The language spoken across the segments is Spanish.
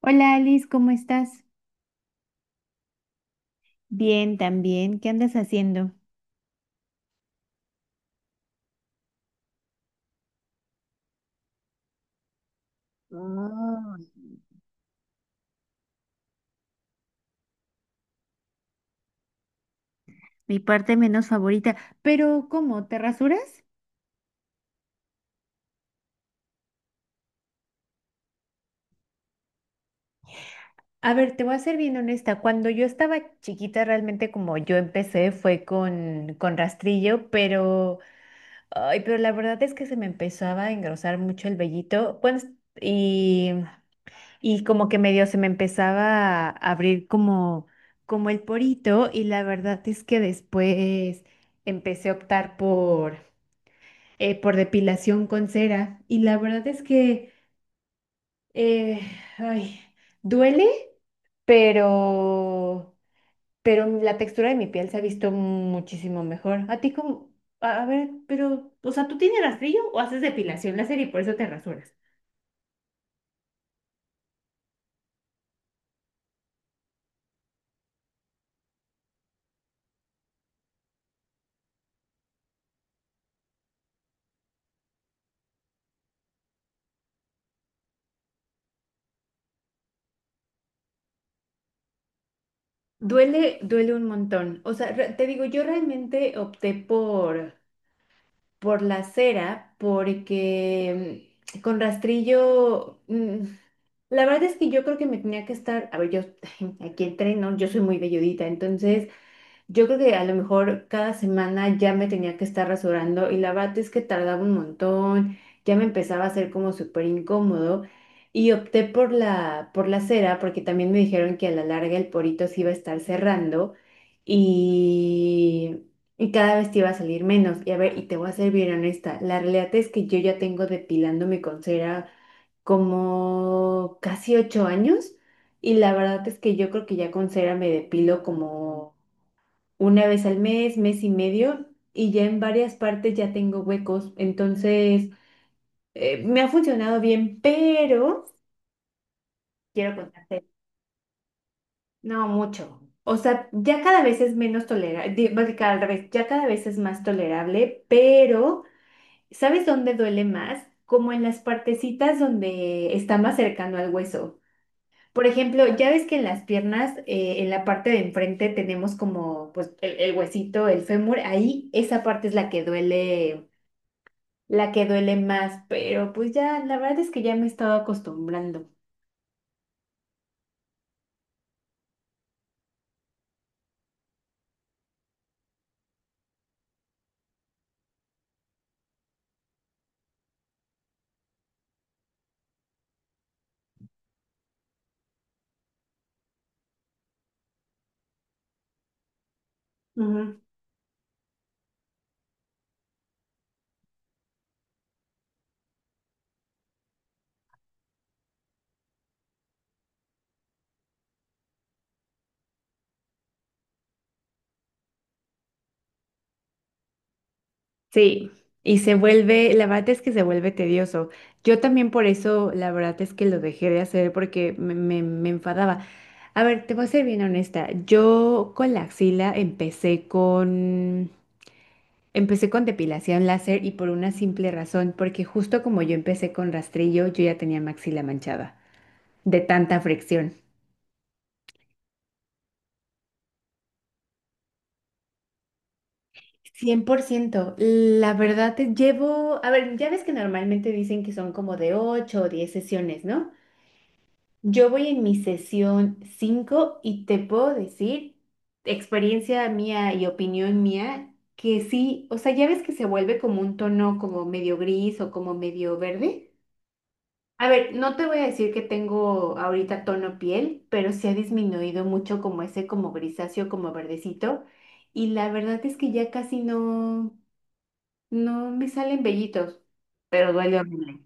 Hola Alice, ¿cómo estás? Bien, también. ¿Qué andas haciendo? Mm. Mi parte menos favorita. Pero, ¿cómo? ¿Te rasuras? A ver, te voy a ser bien honesta. Cuando yo estaba chiquita, realmente como yo empecé fue con rastrillo, pero, ay, la verdad es que se me empezaba a engrosar mucho el vellito. Bueno, y como que medio se me empezaba a abrir como el porito y la verdad es que después empecé a optar por depilación con cera y la verdad es que eh, ay, duele, pero, pero la textura de mi piel se ha visto muchísimo mejor. A ti como, a ver, pero, o sea, ¿tú tienes rastrillo o haces depilación láser y por eso te rasuras? Duele, duele un montón. O sea, te digo, yo realmente opté por la cera porque con rastrillo, la verdad es que yo creo que me tenía que estar, a ver, yo aquí el tren, ¿no? Yo soy muy velludita, entonces yo creo que a lo mejor cada semana ya me tenía que estar rasurando y la verdad es que tardaba un montón, ya me empezaba a hacer como súper incómodo y opté por la cera porque también me dijeron que a la larga el porito se iba a estar cerrando y, y cada vez te iba a salir menos. Y a ver, y te voy a ser bien honesta, la realidad es que yo ya tengo depilándome con cera como casi 8 años y la verdad es que yo creo que ya con cera me depilo como una vez al mes, mes y medio, y ya en varias partes ya tengo huecos. Entonces, me ha funcionado bien, pero quiero contarte. No mucho. O sea, ya cada vez es menos tolerable, más que cada vez, ya cada vez es más tolerable, pero ¿sabes dónde duele más? Como en las partecitas donde está más cercano al hueso. Por ejemplo, ya ves que en las piernas, en la parte de enfrente tenemos como pues, el huesito, el fémur, ahí esa parte es la que duele más, pero pues ya, la verdad es que ya me he estado acostumbrando. Ujú. Sí, y se vuelve, la verdad es que se vuelve tedioso. Yo también por eso, la verdad es que lo dejé de hacer porque me enfadaba. A ver, te voy a ser bien honesta. Yo con la axila empecé con depilación láser y por una simple razón, porque justo como yo empecé con rastrillo, yo ya tenía mi axila manchada de tanta fricción. 100%. La verdad, te llevo, a ver, ya ves que normalmente dicen que son como de 8 o 10 sesiones, ¿no? Yo voy en mi sesión 5 y te puedo decir, experiencia mía y opinión mía, que sí, o sea, ya ves que se vuelve como un tono como medio gris o como medio verde. A ver, no te voy a decir que tengo ahorita tono piel, pero sí ha disminuido mucho como ese como grisáceo, como verdecito. Y la verdad es que ya casi no. No me salen vellitos, pero duele horrible.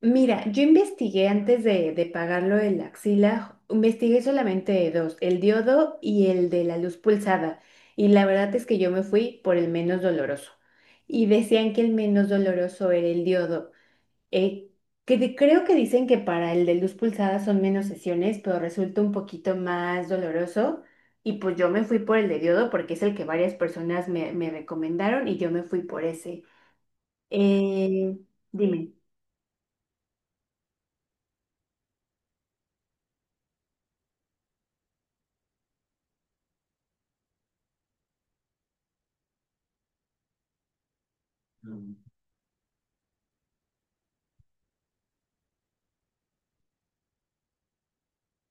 Mira, yo investigué antes de pagarlo el axila, investigué solamente dos, el diodo y el de la luz pulsada. Y la verdad es que yo me fui por el menos doloroso. Y decían que el menos doloroso era el diodo. eh, Creo que dicen que para el de luz pulsada son menos sesiones, pero resulta un poquito más doloroso. Y pues yo me fui por el de diodo porque es el que varias personas me recomendaron y yo me fui por ese. Eh, Dime.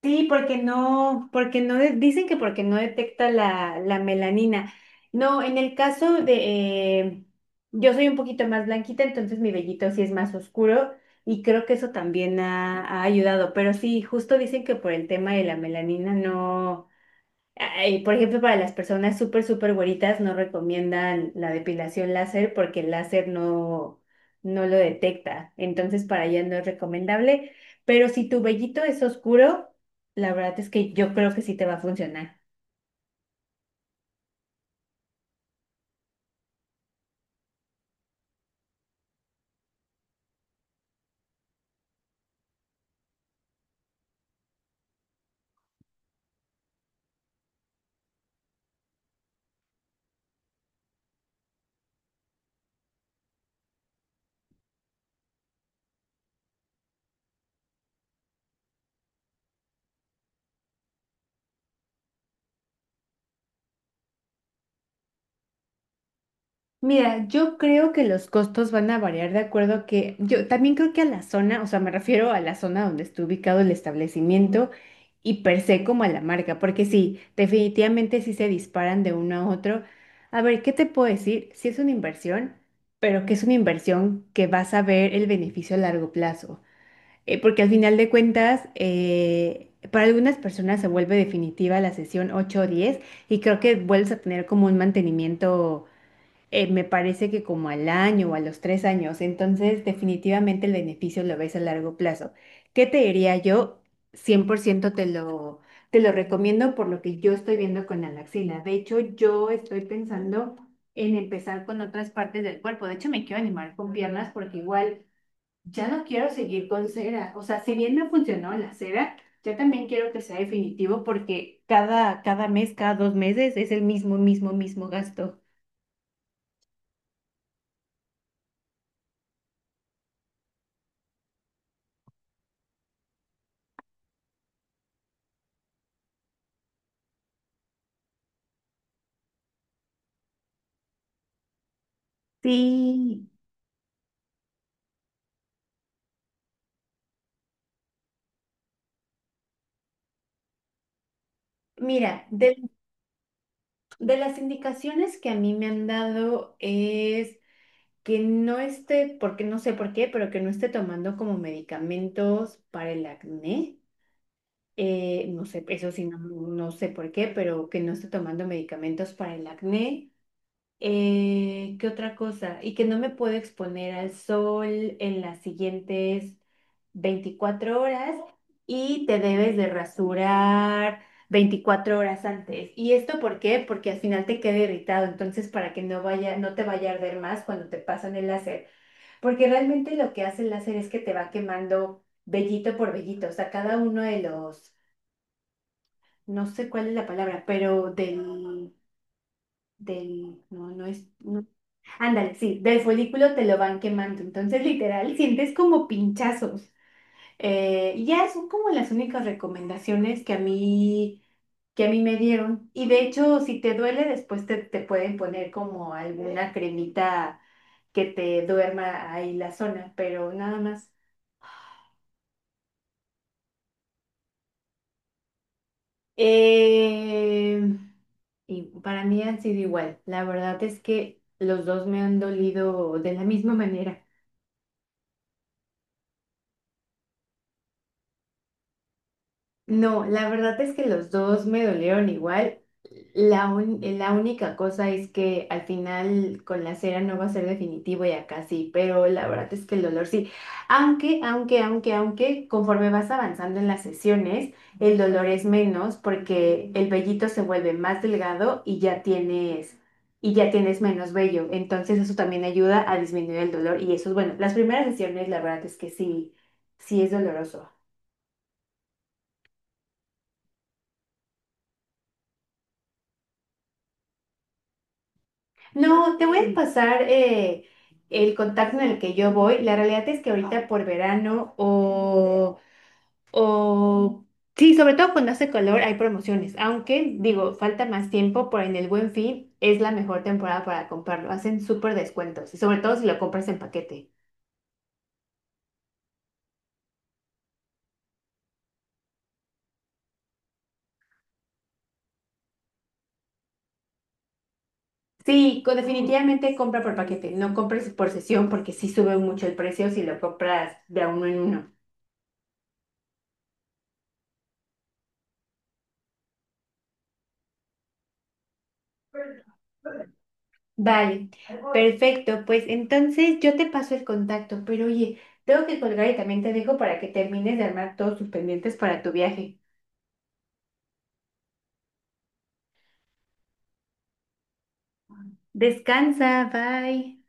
Sí, porque no, de- dicen que porque no detecta la melanina. No, en el caso de, yo soy un poquito más blanquita, entonces mi vellito sí es más oscuro y creo que eso también ha ayudado, pero sí, justo dicen que por el tema de la melanina no. Ay, por ejemplo, para las personas súper, súper güeritas no recomiendan la depilación láser porque el láser no lo detecta. Entonces, para allá no es recomendable. Pero si tu vellito es oscuro, la verdad es que yo creo que sí te va a funcionar. Mira, yo creo que los costos van a variar de acuerdo a que yo también creo que a la zona, o sea, me refiero a la zona donde esté ubicado el establecimiento y per se como a la marca, porque sí, definitivamente sí se disparan de uno a otro. A ver, ¿qué te puedo decir? Sí es una inversión, pero que es una inversión que vas a ver el beneficio a largo plazo. Porque al final de cuentas, para algunas personas se vuelve definitiva la sesión 8 o 10 y creo que vuelves a tener como un mantenimiento me parece que como al año o a los 3 años, entonces definitivamente el beneficio lo ves a largo plazo. ¿Qué te diría yo? 100% te lo recomiendo por lo que yo estoy viendo con la laxina. De hecho, yo estoy pensando en empezar con otras partes del cuerpo. De hecho, me quiero animar con piernas porque igual ya no quiero seguir con cera. O sea, si bien me funcionó la cera, yo también quiero que sea definitivo porque cada mes, cada 2 meses es el mismo, mismo, mismo gasto. Sí. Mira, de las indicaciones que a mí me han dado es que no esté, porque no sé por qué, pero que no esté tomando como medicamentos para el acné. No sé, eso sí, no, no sé por qué, pero que no esté tomando medicamentos para el acné. ¿Qué otra cosa? Y que no me puedo exponer al sol en las siguientes 24 horas y te debes de rasurar 24 horas antes. ¿Y esto por qué? Porque al final te queda irritado, entonces para que no te vaya a arder más cuando te pasan el láser, porque realmente lo que hace el láser es que te va quemando vellito por vellito, o sea, cada uno de los, no sé cuál es la palabra, pero del, no, no es, no. Ándale, sí, del folículo te lo van quemando, entonces literal sientes como pinchazos. Y ya son como las únicas recomendaciones que a mí me dieron. Y de hecho, si te duele, después te pueden poner como alguna cremita que te duerma ahí la zona, pero nada más. Eh, y para mí han sido igual, la verdad es que los dos me han dolido de la misma manera. No, la verdad es que los dos me dolieron igual. La única cosa es que al final con la cera no va a ser definitivo y acá sí, pero la verdad es que el dolor sí. Aunque, conforme vas avanzando en las sesiones, el dolor es menos porque el vellito se vuelve más delgado y ya tienes menos vello. Entonces eso también ayuda a disminuir el dolor y eso es bueno. Las primeras sesiones, la verdad es que sí, sí es doloroso. No, te voy a pasar el contacto en el que yo voy. La realidad es que ahorita por verano o sí, sobre todo cuando hace calor hay promociones, aunque digo, falta más tiempo, pero en el Buen Fin es la mejor temporada para comprarlo. Hacen súper descuentos y sobre todo si lo compras en paquete. Sí, definitivamente compra por paquete, no compres por sesión porque sí sube mucho el precio si lo compras de a uno en uno. Vale, perfecto. Pues entonces yo te paso el contacto, pero oye, tengo que colgar y también te dejo para que termines de armar todos tus pendientes para tu viaje. Descansa, bye.